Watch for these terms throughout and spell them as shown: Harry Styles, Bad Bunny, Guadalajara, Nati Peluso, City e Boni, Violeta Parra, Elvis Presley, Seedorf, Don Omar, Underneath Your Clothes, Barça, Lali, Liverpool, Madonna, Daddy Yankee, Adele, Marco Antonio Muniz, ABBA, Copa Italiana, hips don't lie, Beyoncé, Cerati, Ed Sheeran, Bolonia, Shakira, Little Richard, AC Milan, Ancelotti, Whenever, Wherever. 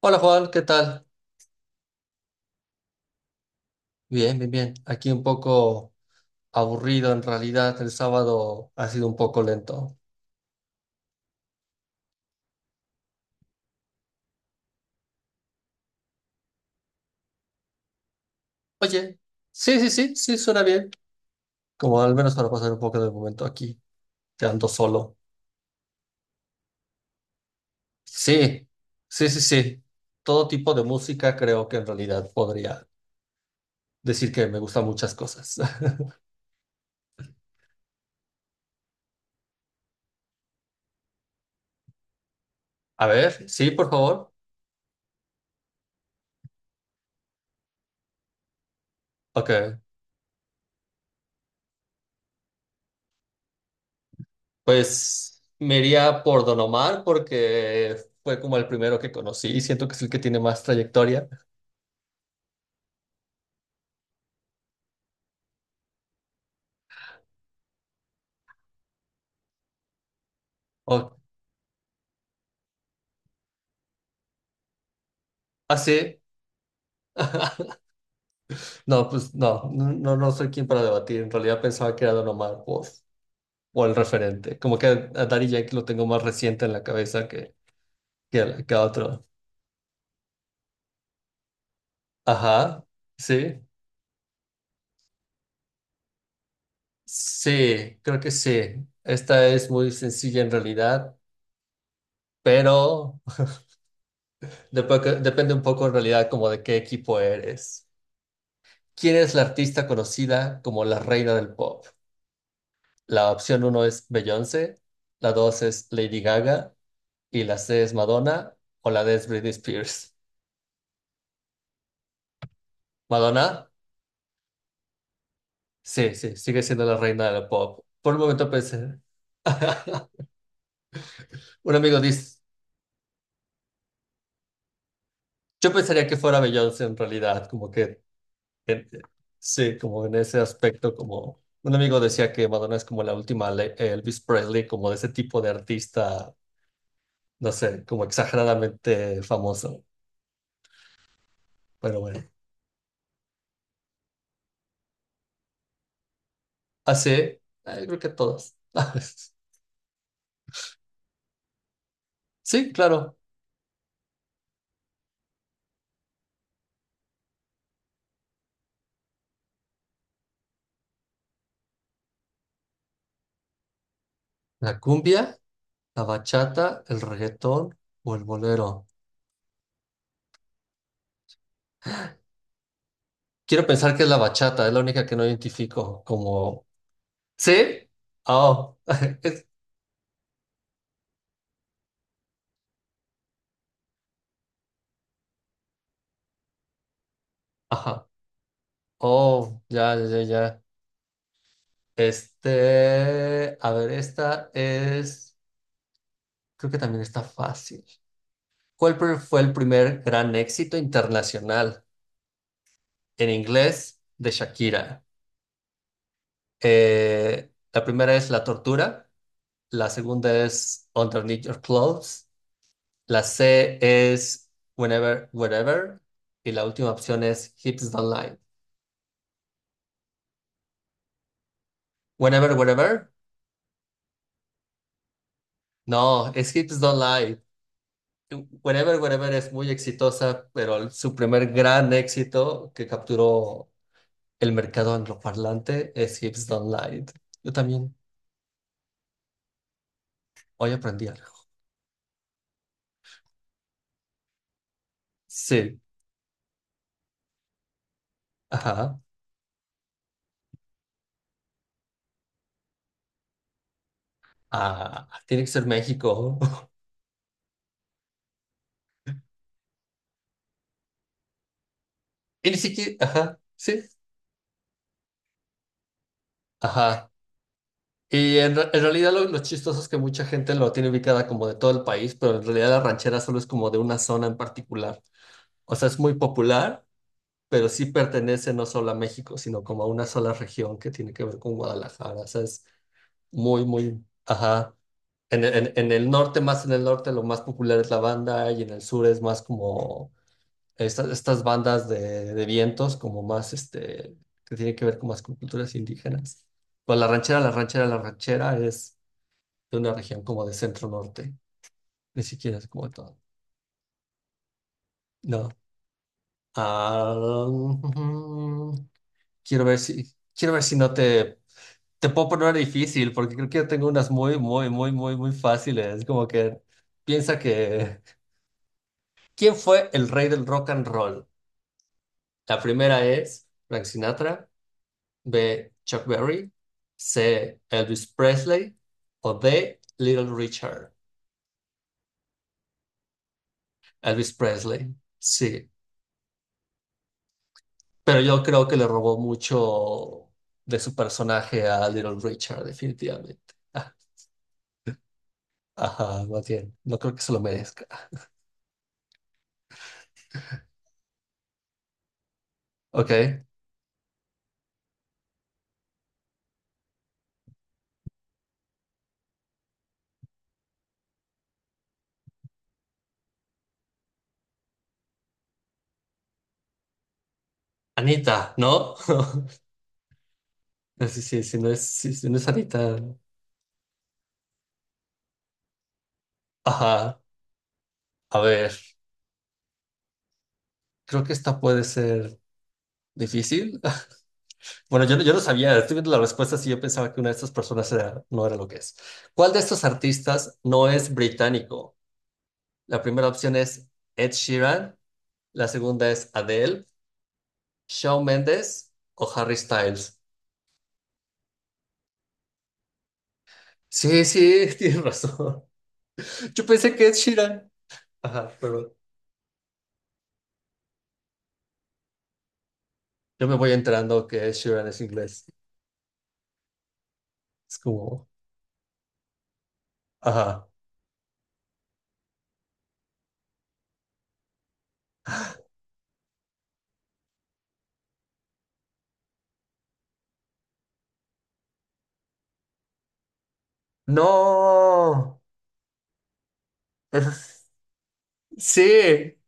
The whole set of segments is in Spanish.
Hola Juan, ¿qué tal? Bien, bien, bien. Aquí un poco aburrido en realidad. El sábado ha sido un poco lento. Oye, sí, sí, sí, sí, suena bien. Como al menos para pasar un poco de momento aquí, quedando solo. Sí, sí, sí, sí. Todo tipo de música creo que en realidad podría decir que me gustan muchas cosas. A ver, sí, por favor. Ok, pues me iría por Don Omar porque fue como el primero que conocí y siento que es el que tiene más trayectoria. Ok. Ah, sí. No, pues no, no, no soy quien para debatir. En realidad pensaba que era Don Omar o, el referente. Como que a Daddy Yankee lo tengo más reciente en la cabeza que a otro. Ajá, sí. Sí, creo que sí. Esta es muy sencilla en realidad, pero depende un poco en realidad como de qué equipo eres. ¿Quién es la artista conocida como la reina del pop? La opción uno es Beyoncé, la dos es Lady Gaga, y la C es Madonna o la D es Britney Spears. ¿Madonna? Sí, sí, sigue siendo la reina del pop. Por un momento pensé. Un amigo dice, yo pensaría que fuera Beyoncé en realidad, como que, en- sí, como en ese aspecto, como un amigo decía que Madonna es como la última Elvis Presley, como de ese tipo de artista, no sé, como exageradamente famoso, pero bueno. Así, creo que todos. Sí, claro. La cumbia. ¿La bachata, el reggaetón o el bolero? Quiero pensar que es la bachata, es la única que no identifico como... ¿Sí? Oh, es- Ajá. Oh, ya, ya, ya, ya. Este, a ver, esta es, creo que también está fácil. ¿Cuál fue el primer gran éxito internacional en inglés de Shakira? La primera es La Tortura, la segunda es Underneath Your Clothes. La C es whenever, wherever. Y la última opción es hips don't lie. Whenever, wherever. No, es hips don't lie. Whenever, wherever es muy exitosa, pero su primer gran éxito que capturó el mercado angloparlante es hips don't lie. Yo también hoy aprendí algo. Sí, ajá. Ah, tiene que ser México. Y ni siquiera, ajá, sí, ajá. Y en realidad lo chistoso es que mucha gente lo tiene ubicada como de todo el país, pero en realidad la ranchera solo es como de una zona en particular. O sea, es muy popular, pero sí pertenece no solo a México, sino como a una sola región que tiene que ver con Guadalajara. O sea, es muy, muy, ajá. En el norte, más en el norte, lo más popular es la banda y en el sur es más como estas bandas de vientos, como más, este, que tiene que ver con más con culturas indígenas. Pues la ranchera es de una región como de centro norte, ni siquiera es como de todo. No. Ah, ujú. Quiero ver si no te puedo poner una difícil, porque creo que yo tengo unas muy, muy, muy, muy, muy fáciles. Como que piensa que, ¿quién fue el rey del rock and roll? La primera es Frank Sinatra, B, Chuck Berry, C, Elvis Presley o D, Little Richard. Elvis Presley. Sí. Pero yo creo que le robó mucho de su personaje a Little Richard, definitivamente. Ah, ajá, más bien. No creo que se lo merezca. Ok. Anita, ¿no? No, sí, sí, sí, no es, sí, sí, no es Anita, ¿no? Ajá. A ver, creo que esta puede ser difícil. Bueno, yo no sabía, estoy viendo la respuesta y yo pensaba que una de estas personas no era lo que es. ¿Cuál de estos artistas no es británico? La primera opción es Ed Sheeran, la segunda es Adele. ¿Shawn Mendes o Harry Styles? Sí, sí, tienes razón. Yo pensé que es Sheeran. Ajá, pero yo me voy enterando que Ed Sheeran es inglés. Es como, ajá. No. Sí,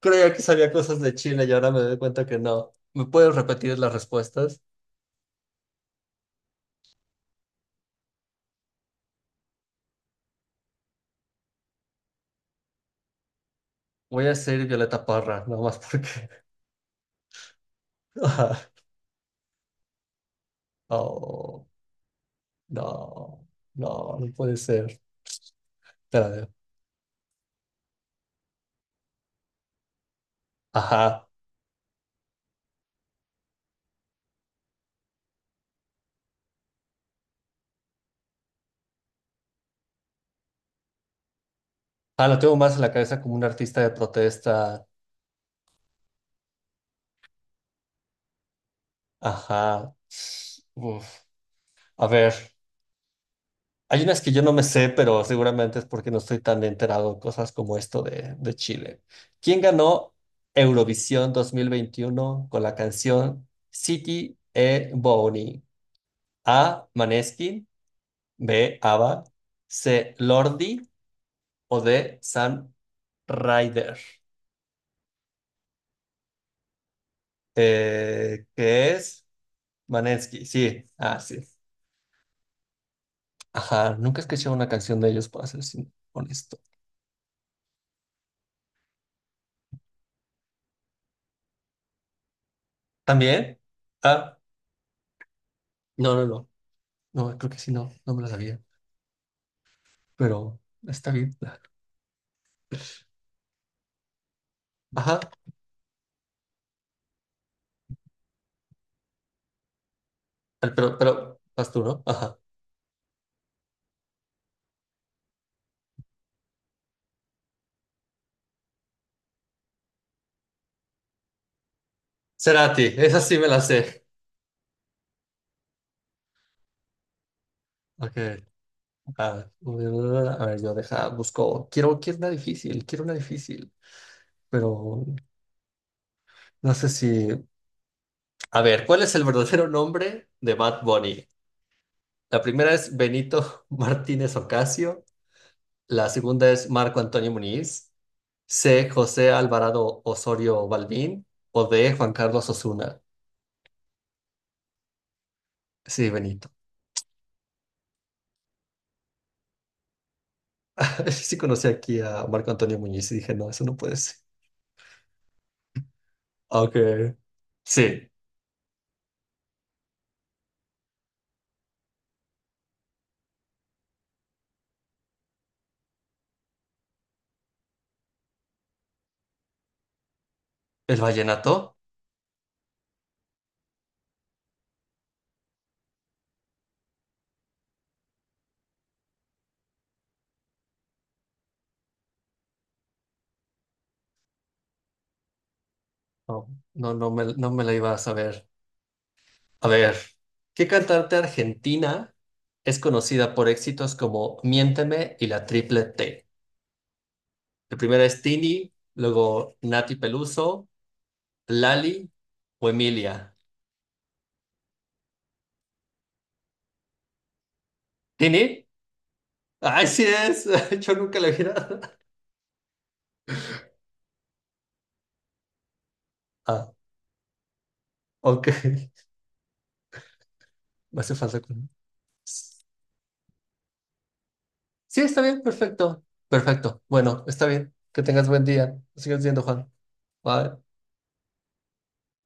creía que sabía cosas de China y ahora me doy cuenta que no. ¿Me puedes repetir las respuestas? Voy a ser Violeta Parra, nomás porque. Ajá. Oh, no, no, no puede ser. Espera. Ajá. Ah, lo tengo más en la cabeza como un artista de protesta. Ajá. Uf. A ver, hay unas que yo no me sé, pero seguramente es porque no estoy tan enterado en cosas como esto de Chile. ¿Quién ganó Eurovisión 2021 con la canción City e Boni? A. Maneskin, B. ABBA, C. Lordi o D. San Ryder. ¿Qué es? Maneskin, sí. Ah, sí. Ajá, nunca escuché una canción de ellos, para ser honesto. ¿También? Ah, no, no, no. No, creo que sí, no, no me lo sabía. Pero está bien. Ajá. Pero vas tú, ¿no? Ajá. Cerati, esa sí me la sé. Ok. A ver, a ver, yo deja, busco. Quiero una difícil, quiero una difícil. Pero no sé si. A ver, ¿cuál es el verdadero nombre de Bad Bunny? La primera es Benito Martínez Ocasio. La segunda es Marco Antonio Muniz. C. José Alvarado Osorio Balbín o D. Juan Carlos Osuna. Sí, Benito. Sí conocí aquí a Marco Antonio Muñiz y dije, no, eso no puede ser. Ah, ok. Sí, el vallenato. No, no, no me la iba a saber. A ver, ¿qué cantante argentina es conocida por éxitos como Miénteme y la Triple T? La primera es Tini, luego Nati Peluso, Lali o Emilia. ¿Tini? ¡Ay, sí es! Yo nunca la vi. Ah, ok. Me hace falta. Sí, está bien, perfecto. Perfecto. Bueno, está bien. Que tengas buen día. Sigues viendo, Juan. Bye.